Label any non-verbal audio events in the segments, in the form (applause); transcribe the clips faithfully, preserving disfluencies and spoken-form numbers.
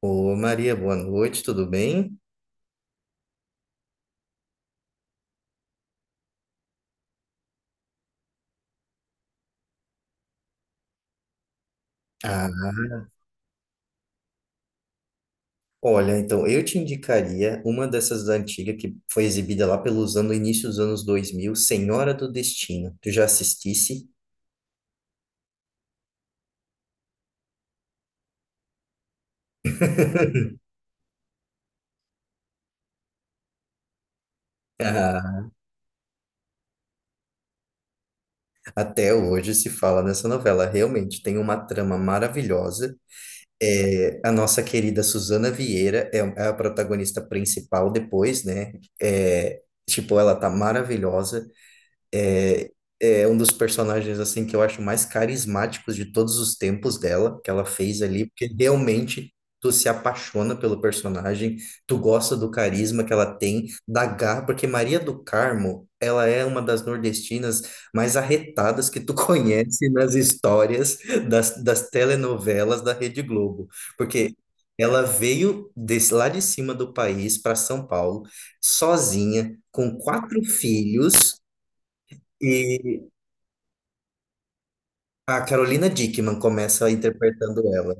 Ô Maria, boa noite, tudo bem? Ah, olha, então eu te indicaria uma dessas antigas que foi exibida lá pelos anos, início dos anos dois mil, Senhora do Destino. Tu já assistisse? (laughs) Ah, até hoje se fala nessa novela. Realmente tem uma trama maravilhosa. É, a nossa querida Suzana Vieira é, é a protagonista principal depois, né? É, tipo, ela tá maravilhosa. É, é um dos personagens assim que eu acho mais carismáticos de todos os tempos dela, que ela fez ali, porque realmente tu se apaixona pelo personagem, tu gosta do carisma que ela tem, da garra, porque Maria do Carmo, ela é uma das nordestinas mais arretadas que tu (laughs) conhece nas histórias das, das telenovelas da Rede Globo, porque ela veio desse, lá de cima do país para São Paulo, sozinha, com quatro filhos, e a Carolina Dickman começa interpretando ela,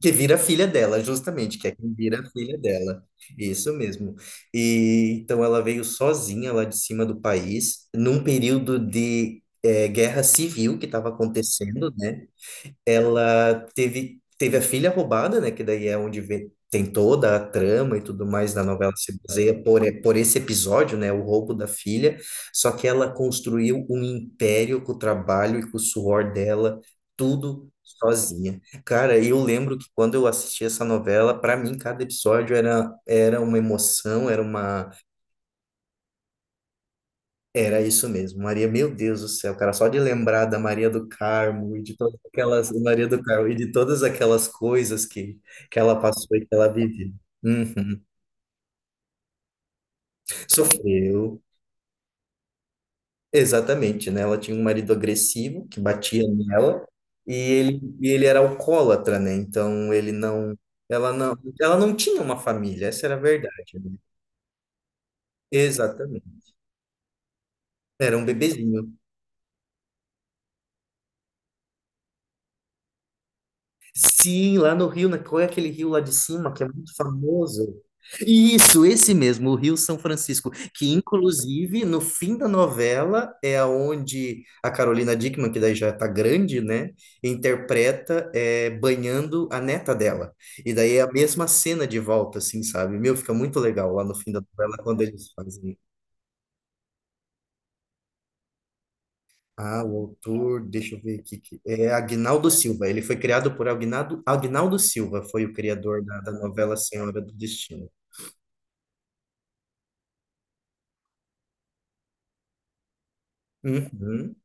que vira a filha dela, justamente, que é quem vira a filha dela. Isso mesmo. E então ela veio sozinha lá de cima do país, num período de eh, guerra civil que estava acontecendo, né? Ela teve, teve a filha roubada, né? Que daí é onde vê- tem toda a trama e tudo mais da novela se baseia por, por esse episódio, né? O roubo da filha. Só que ela construiu um império com o trabalho e com o suor dela, tudo sozinha. Cara, eu lembro que quando eu assisti essa novela, para mim cada episódio era, era uma emoção, era uma era isso mesmo, Maria, meu Deus do céu, cara, só de lembrar da Maria do Carmo e de todas aquelas, Maria do Carmo, e de todas aquelas coisas que, que ela passou e que ela viveu. Uhum. Sofreu, exatamente, né? Ela tinha um marido agressivo que batia nela e ele, e ele era alcoólatra, né? Então ele não, ela não, ela não tinha uma família, essa era a verdade, né? Exatamente. Era um bebezinho. Sim, lá no Rio, né? Qual é aquele rio lá de cima que é muito famoso? Isso, esse mesmo, o Rio São Francisco, que inclusive no fim da novela é aonde a Carolina Dickman, que daí já tá grande, né, interpreta é, banhando a neta dela. E daí é a mesma cena de volta, assim, sabe? Meu, fica muito legal lá no fim da novela quando eles fazem. Ah, o autor, deixa eu ver aqui, que- é Agnaldo Silva. Ele foi criado por Agnaldo, Agnaldo Silva, foi o criador da, da novela Senhora do Destino. Uhum.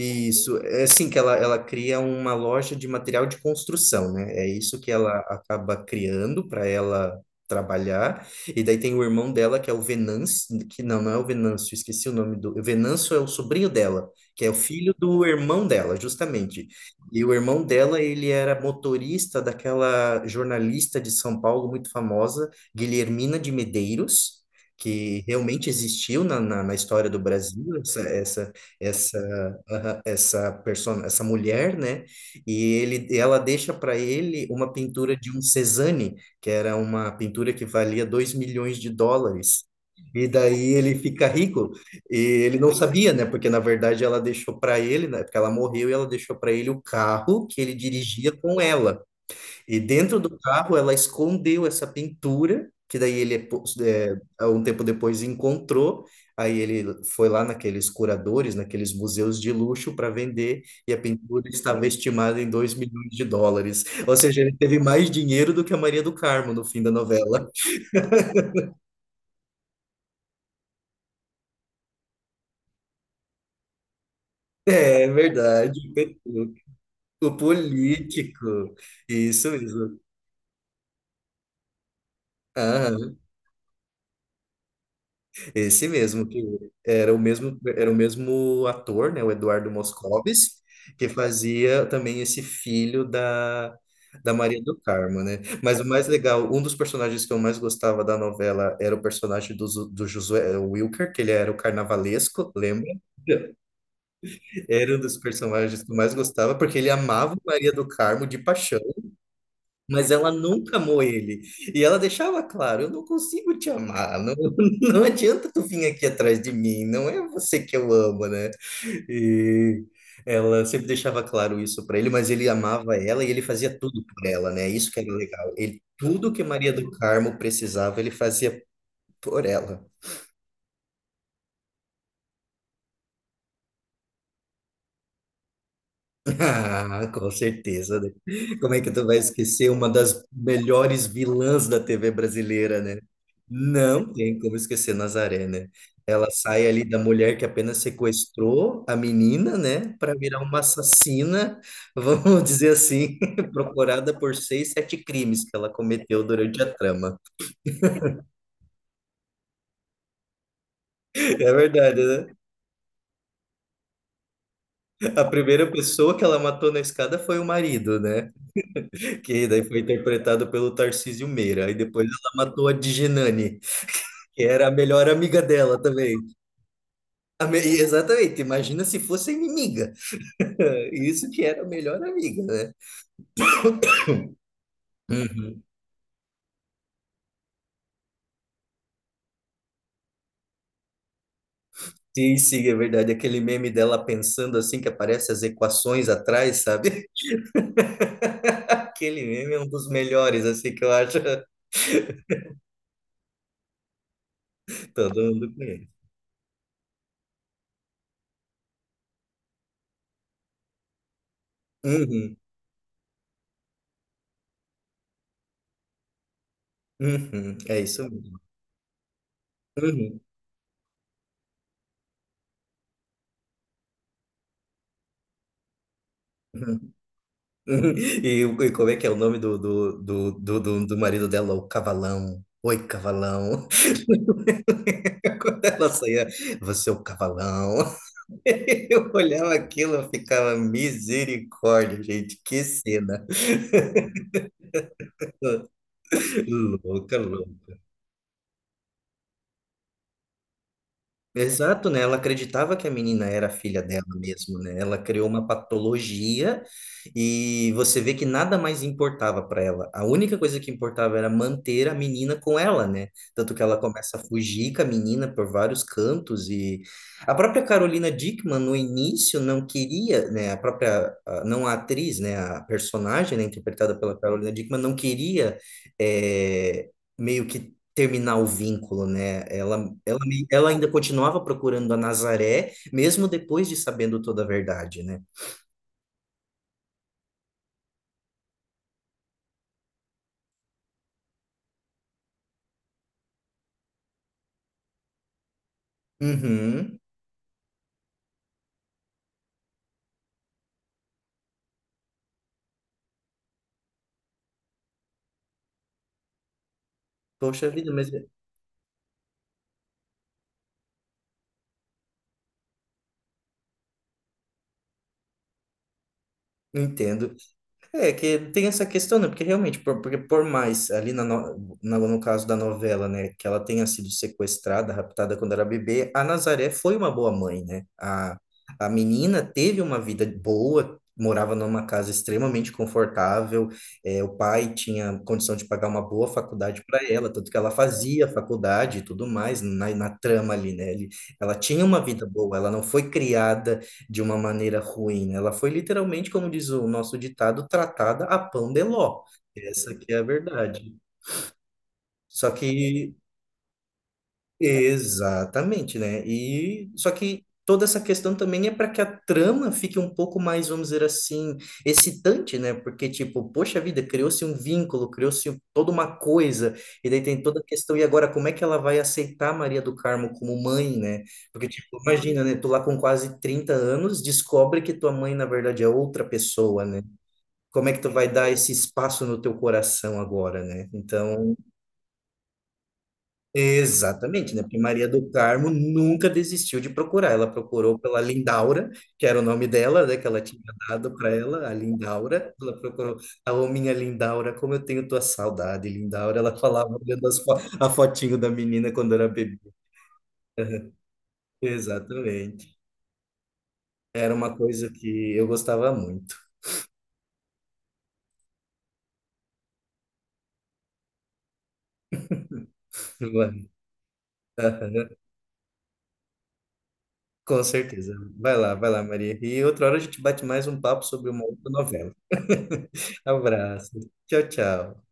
Isso, é assim que ela, ela cria uma loja de material de construção, né? É isso que ela acaba criando para ela trabalhar. E daí tem o irmão dela, que é o Venâncio, que não, não é o Venâncio, esqueci o nome do. O Venâncio é o sobrinho dela, que é o filho do irmão dela, justamente. E o irmão dela, ele era motorista daquela jornalista de São Paulo muito famosa, Guilhermina de Medeiros. Que realmente existiu na, na, na história do Brasil, essa, essa, essa ah, essa persona, essa mulher, né? E ele, ela deixa para ele uma pintura de um Cézanne, que era uma pintura que valia dois milhões de dólares. E daí ele fica rico e ele não sabia, né? Porque na verdade ela deixou para ele, né? Porque ela morreu e ela deixou para ele o carro que ele dirigia com ela. E dentro do carro ela escondeu essa pintura, que daí ele, po- é, há um tempo depois, encontrou. Aí ele foi lá naqueles curadores, naqueles museus de luxo para vender, e a pintura estava estimada em dois milhões de dólares. Ou seja, ele teve mais dinheiro do que a Maria do Carmo no fim da novela. (laughs) É verdade. O político. Isso, isso. Esse mesmo, que era o mesmo, era o mesmo ator, né, o Eduardo Moscovis, que fazia também esse filho da, da Maria do Carmo, né? Mas o mais legal, um dos personagens que eu mais gostava da novela era o personagem do, Zu- do Josué Wilker, que ele era o carnavalesco, lembra? Era um dos personagens que eu mais gostava, porque ele amava Maria do Carmo de paixão. Mas ela nunca amou ele. E ela deixava claro, eu não consigo te amar, não, (laughs) não adianta tu vir aqui atrás de mim, não é você que eu amo, né? E ela sempre deixava claro isso para ele, mas ele amava ela e ele fazia tudo por ela, né? Isso que era legal. Ele, tudo que Maria do Carmo precisava, ele fazia por ela. Ah, com certeza, né? Como é que tu vai esquecer uma das melhores vilãs da T V brasileira, né? Não tem como esquecer Nazaré, né? Ela sai ali da mulher que apenas sequestrou a menina, né? Para virar uma assassina, (laughs) vamos dizer assim, (laughs) procurada por seis, sete crimes que ela cometeu durante a trama. É verdade, né? A primeira pessoa que ela matou na escada foi o marido, né? Que daí foi interpretado pelo Tarcísio Meira. Aí depois ela matou a Digenani, que era a melhor amiga dela também. A me- Exatamente, imagina se fosse a inimiga. (laughs) Isso que era a melhor amiga, né? Uhum. Sim, sim, é verdade. Aquele meme dela pensando assim, que aparece as equações atrás, sabe? (laughs) Aquele meme é um dos melhores, assim, que eu acho. (laughs) Todo mundo conhece. Uhum, uhum, é isso mesmo. Uhum, uhum, (laughs) uhum. E, e como é que é o nome do, do, do, do, do do marido dela? O Cavalão. Oi, Cavalão. (laughs) Quando ela saía, você é o cavalão. (laughs) Eu olhava aquilo, eu ficava misericórdia, gente, que cena. (laughs) Louca, louca. Exato, né? Ela acreditava que a menina era a filha dela mesmo, né? Ela criou uma patologia e você vê que nada mais importava para ela. A única coisa que importava era manter a menina com ela, né? Tanto que ela começa a fugir com a menina por vários cantos e a própria Carolina Dickman no início não queria, né? A própria, a- não a atriz, né? A personagem, né? Interpretada pela Carolina Dickman não queria, eh, meio que terminar o vínculo, né? Ela, ela, me- ela ainda continuava procurando a Nazaré, mesmo depois de sabendo toda a verdade, né? Uhum. Poxa vida, mas eu entendo. É, que tem essa questão, né? Porque realmente, por, porque por mais ali na no, na- no caso da novela, né, que ela tenha sido sequestrada, raptada quando era bebê, a Nazaré foi uma boa mãe, né? A, a menina teve uma vida boa, morava numa casa extremamente confortável, é, o pai tinha condição de pagar uma boa faculdade para ela, tanto que ela fazia faculdade e tudo mais na, na trama ali, né? Ele, ela tinha uma vida boa, ela não foi criada de uma maneira ruim, né? Ela foi literalmente, como diz o nosso ditado, tratada a pão de ló. Essa que é a verdade. Só que Exatamente, né? E só que toda essa questão também é para que a trama fique um pouco mais, vamos dizer assim, excitante, né? Porque, tipo, poxa vida, criou-se um vínculo, criou-se toda uma coisa, e daí tem toda a questão, e agora como é que ela vai aceitar Maria do Carmo como mãe, né? Porque, tipo, imagina, né? Tu lá com quase trinta anos descobre que tua mãe, na verdade, é outra pessoa, né? Como é que tu vai dar esse espaço no teu coração agora, né? Então. Exatamente, né? Porque Maria do Carmo nunca desistiu de procurar. Ela procurou pela Lindaura, que era o nome dela, né? Que ela tinha dado para ela, a Lindaura. Ela procurou, a minha Lindaura, como eu tenho tua saudade, Lindaura. Ela falava olhando as fo- a fotinho da menina quando era bebê. Exatamente. Era uma coisa que eu gostava muito. (laughs) Com certeza. Vai lá, vai lá, Maria. E outra hora a gente bate mais um papo sobre uma outra novela. (laughs) Abraço. Tchau, tchau.